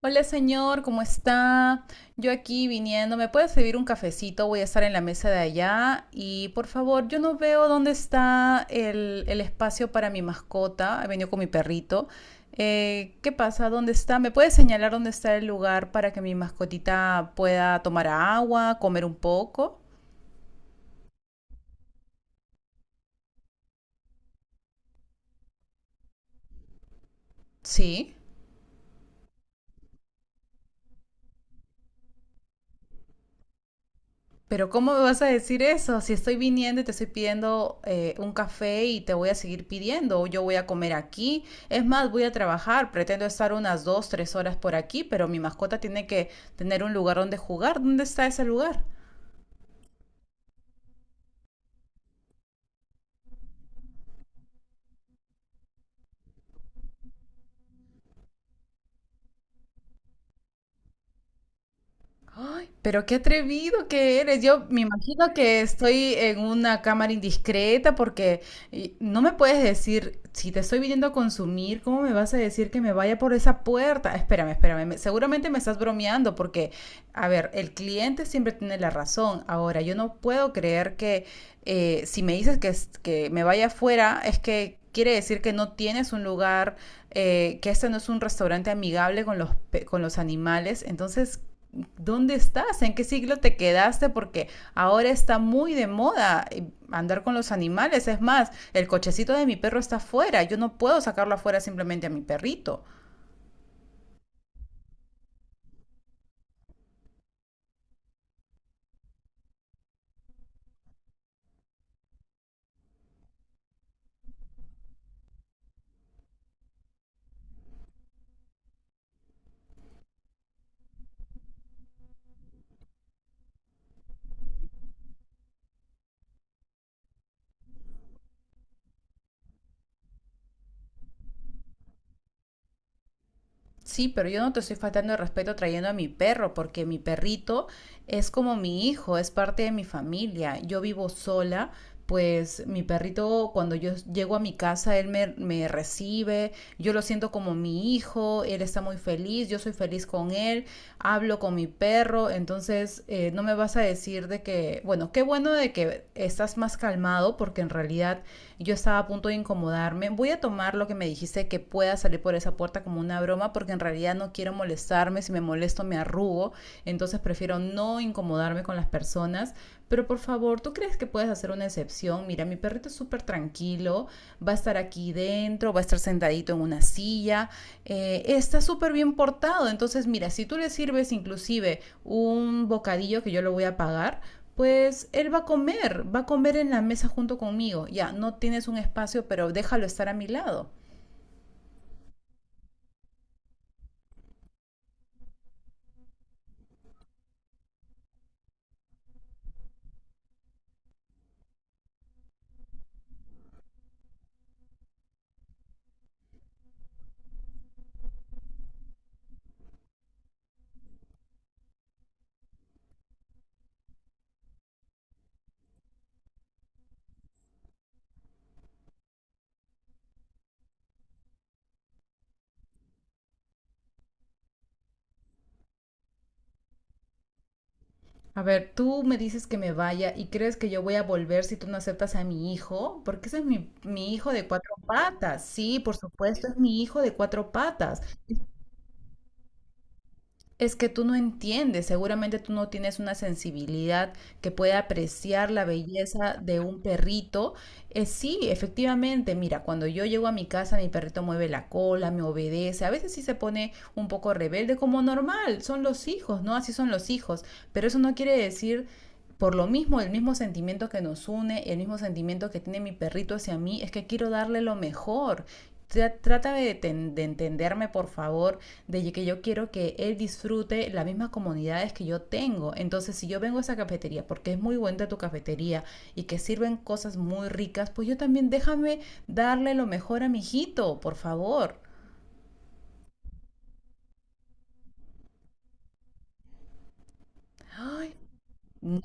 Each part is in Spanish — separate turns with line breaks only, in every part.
Hola señor, ¿cómo está? Yo aquí viniendo, ¿me puede servir un cafecito? Voy a estar en la mesa de allá y por favor, yo no veo dónde está el espacio para mi mascota. He venido con mi perrito. ¿Qué pasa? ¿Dónde está? ¿Me puede señalar dónde está el lugar para que mi mascotita pueda tomar agua, comer un poco? Sí. Pero ¿cómo me vas a decir eso? Si estoy viniendo y te estoy pidiendo un café y te voy a seguir pidiendo, o yo voy a comer aquí. Es más, voy a trabajar, pretendo estar unas dos, tres horas por aquí, pero mi mascota tiene que tener un lugar donde jugar. ¿Dónde está ese lugar? Ay, pero qué atrevido que eres. Yo me imagino que estoy en una cámara indiscreta porque y, no me puedes decir, si te estoy viniendo a consumir, ¿cómo me vas a decir que me vaya por esa puerta? Espérame, espérame. Seguramente me estás bromeando porque, a ver, el cliente siempre tiene la razón. Ahora, yo no puedo creer que si me dices que, que me vaya afuera, es que quiere decir que no tienes un lugar, que este no es un restaurante amigable con los, con los animales. Entonces, ¿dónde estás? ¿En qué siglo te quedaste? Porque ahora está muy de moda andar con los animales. Es más, el cochecito de mi perro está afuera. Yo no puedo sacarlo afuera simplemente a mi perrito. Sí, pero yo no te estoy faltando el respeto trayendo a mi perro, porque mi perrito es como mi hijo, es parte de mi familia. Yo vivo sola, pues mi perrito cuando yo llego a mi casa, él me recibe, yo lo siento como mi hijo, él está muy feliz, yo soy feliz con él, hablo con mi perro, entonces no me vas a decir de que, bueno, qué bueno de que estás más calmado, porque en realidad yo estaba a punto de incomodarme. Voy a tomar lo que me dijiste que pueda salir por esa puerta como una broma porque en realidad no quiero molestarme. Si me molesto me arrugo. Entonces prefiero no incomodarme con las personas. Pero por favor, ¿tú crees que puedes hacer una excepción? Mira, mi perrito es súper tranquilo, va a estar aquí dentro, va a estar sentadito en una silla, está súper bien portado. Entonces, mira, si tú le sirves inclusive un bocadillo que yo lo voy a pagar, pues él va a comer en la mesa junto conmigo. Ya, no tienes un espacio, pero déjalo estar a mi lado. A ver, tú me dices que me vaya y crees que yo voy a volver si tú no aceptas a mi hijo, porque ese es mi hijo de cuatro patas. Sí, por supuesto, es mi hijo de cuatro patas. Es que tú no entiendes, seguramente tú no tienes una sensibilidad que pueda apreciar la belleza de un perrito. Sí, efectivamente, mira, cuando yo llego a mi casa, mi perrito mueve la cola, me obedece, a veces sí se pone un poco rebelde, como normal, son los hijos, ¿no? Así son los hijos, pero eso no quiere decir... Por lo mismo, el mismo sentimiento que nos une, el mismo sentimiento que tiene mi perrito hacia mí, es que quiero darle lo mejor. Trata de, de entenderme, por favor, de que yo quiero que él disfrute las mismas comodidades que yo tengo. Entonces, si yo vengo a esa cafetería porque es muy buena tu cafetería y que sirven cosas muy ricas, pues yo también déjame darle lo mejor a mi hijito, por favor. Ay, no.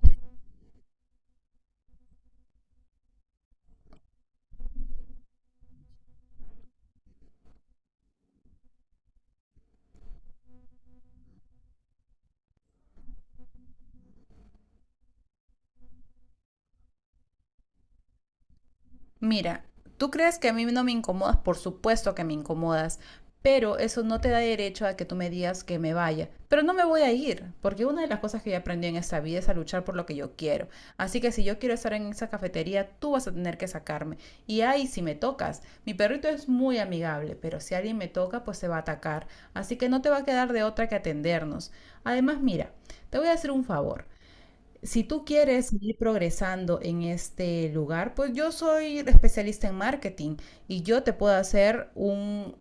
Mira, tú crees que a mí no me incomodas, por supuesto que me incomodas, pero eso no te da derecho a que tú me digas que me vaya. Pero no me voy a ir, porque una de las cosas que yo aprendí en esta vida es a luchar por lo que yo quiero. Así que si yo quiero estar en esa cafetería, tú vas a tener que sacarme. Y ahí si me tocas, mi perrito es muy amigable, pero si alguien me toca, pues se va a atacar. Así que no te va a quedar de otra que atendernos. Además, mira, te voy a hacer un favor si tú quieres ir progresando en este lugar, pues yo soy especialista en marketing y yo te puedo hacer un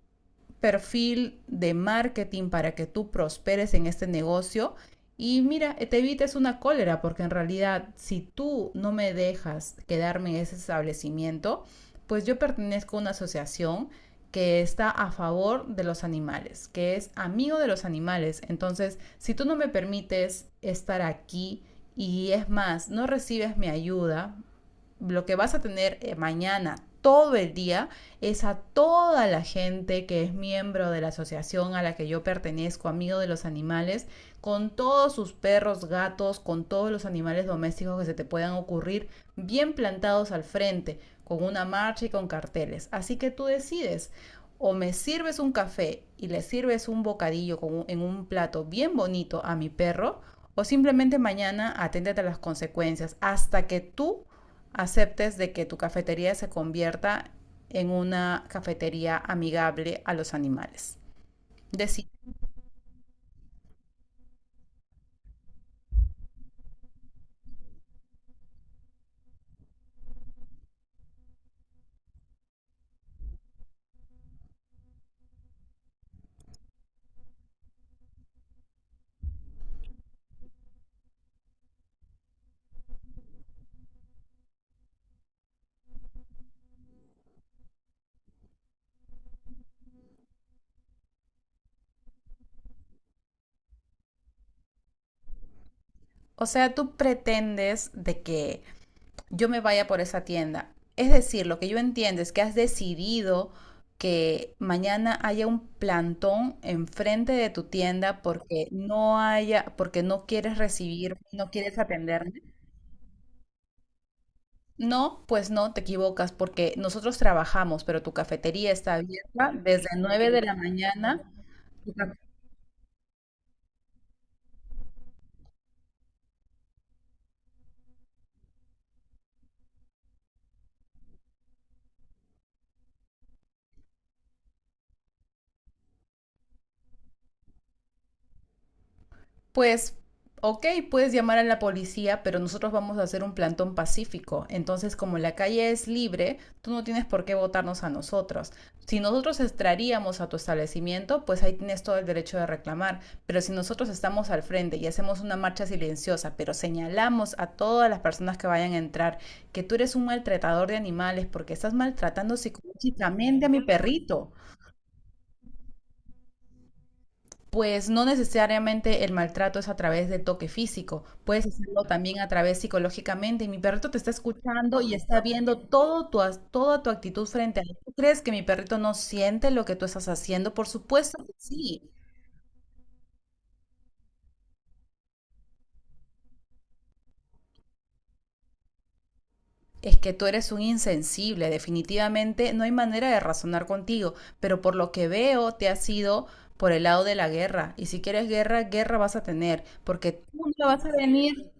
perfil de marketing para que tú prosperes en este negocio. Y mira, te evites una cólera, porque en realidad si tú no me dejas quedarme en ese establecimiento, pues yo pertenezco a una asociación que está a favor de los animales, que es amigo de los animales. Entonces, si tú no me permites estar aquí y es más, no recibes mi ayuda, lo que vas a tener mañana todo el día es a toda la gente que es miembro de la asociación a la que yo pertenezco, amigo de los animales, con todos sus perros, gatos, con todos los animales domésticos que se te puedan ocurrir, bien plantados al frente, con una marcha y con carteles. Así que tú decides, o me sirves un café y le sirves un bocadillo con un, en un plato bien bonito a mi perro, o simplemente mañana aténtate a las consecuencias hasta que tú aceptes de que tu cafetería se convierta en una cafetería amigable a los animales. Decir, o sea, tú pretendes de que yo me vaya por esa tienda. Es decir, lo que yo entiendo es que has decidido que mañana haya un plantón enfrente de tu tienda porque no haya, porque no quieres recibir, no quieres atenderme. No, pues no, te equivocas porque nosotros trabajamos, pero tu cafetería está abierta desde 9 de la mañana. Pues, ok, puedes llamar a la policía, pero nosotros vamos a hacer un plantón pacífico. Entonces, como la calle es libre, tú no tienes por qué votarnos a nosotros. Si nosotros entraríamos a tu establecimiento, pues ahí tienes todo el derecho de reclamar. Pero si nosotros estamos al frente y hacemos una marcha silenciosa, pero señalamos a todas las personas que vayan a entrar que tú eres un maltratador de animales porque estás maltratando psicológicamente a mi perrito. Pues no necesariamente el maltrato es a través de toque físico, puedes hacerlo también a través psicológicamente. Y mi perrito te está escuchando y está viendo todo tu, toda tu actitud frente a él. ¿Tú crees que mi perrito no siente lo que tú estás haciendo? Por supuesto que sí. Es que tú eres un insensible, definitivamente no hay manera de razonar contigo, pero por lo que veo te has ido por el lado de la guerra. Y si quieres guerra, guerra vas a tener, porque tú no vas a venir.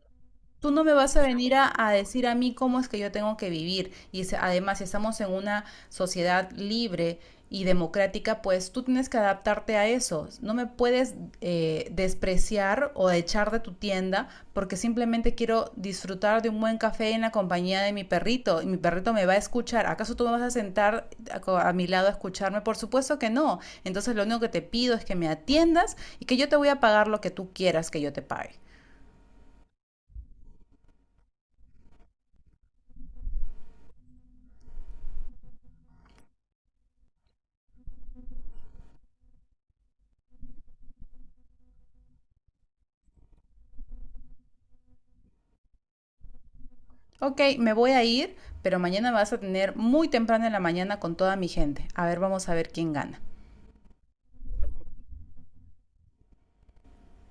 Tú no me vas a venir a decir a mí cómo es que yo tengo que vivir. Y además, si estamos en una sociedad libre y democrática, pues tú tienes que adaptarte a eso. No me puedes despreciar o echar de tu tienda porque simplemente quiero disfrutar de un buen café en la compañía de mi perrito. Y mi perrito me va a escuchar. ¿Acaso tú me vas a sentar a, a mi lado a escucharme? Por supuesto que no. Entonces, lo único que te pido es que me atiendas y que yo te voy a pagar lo que tú quieras que yo te pague. Ok, me voy a ir, pero mañana vas a tener muy temprano en la mañana con toda mi gente. A ver, vamos a ver quién gana.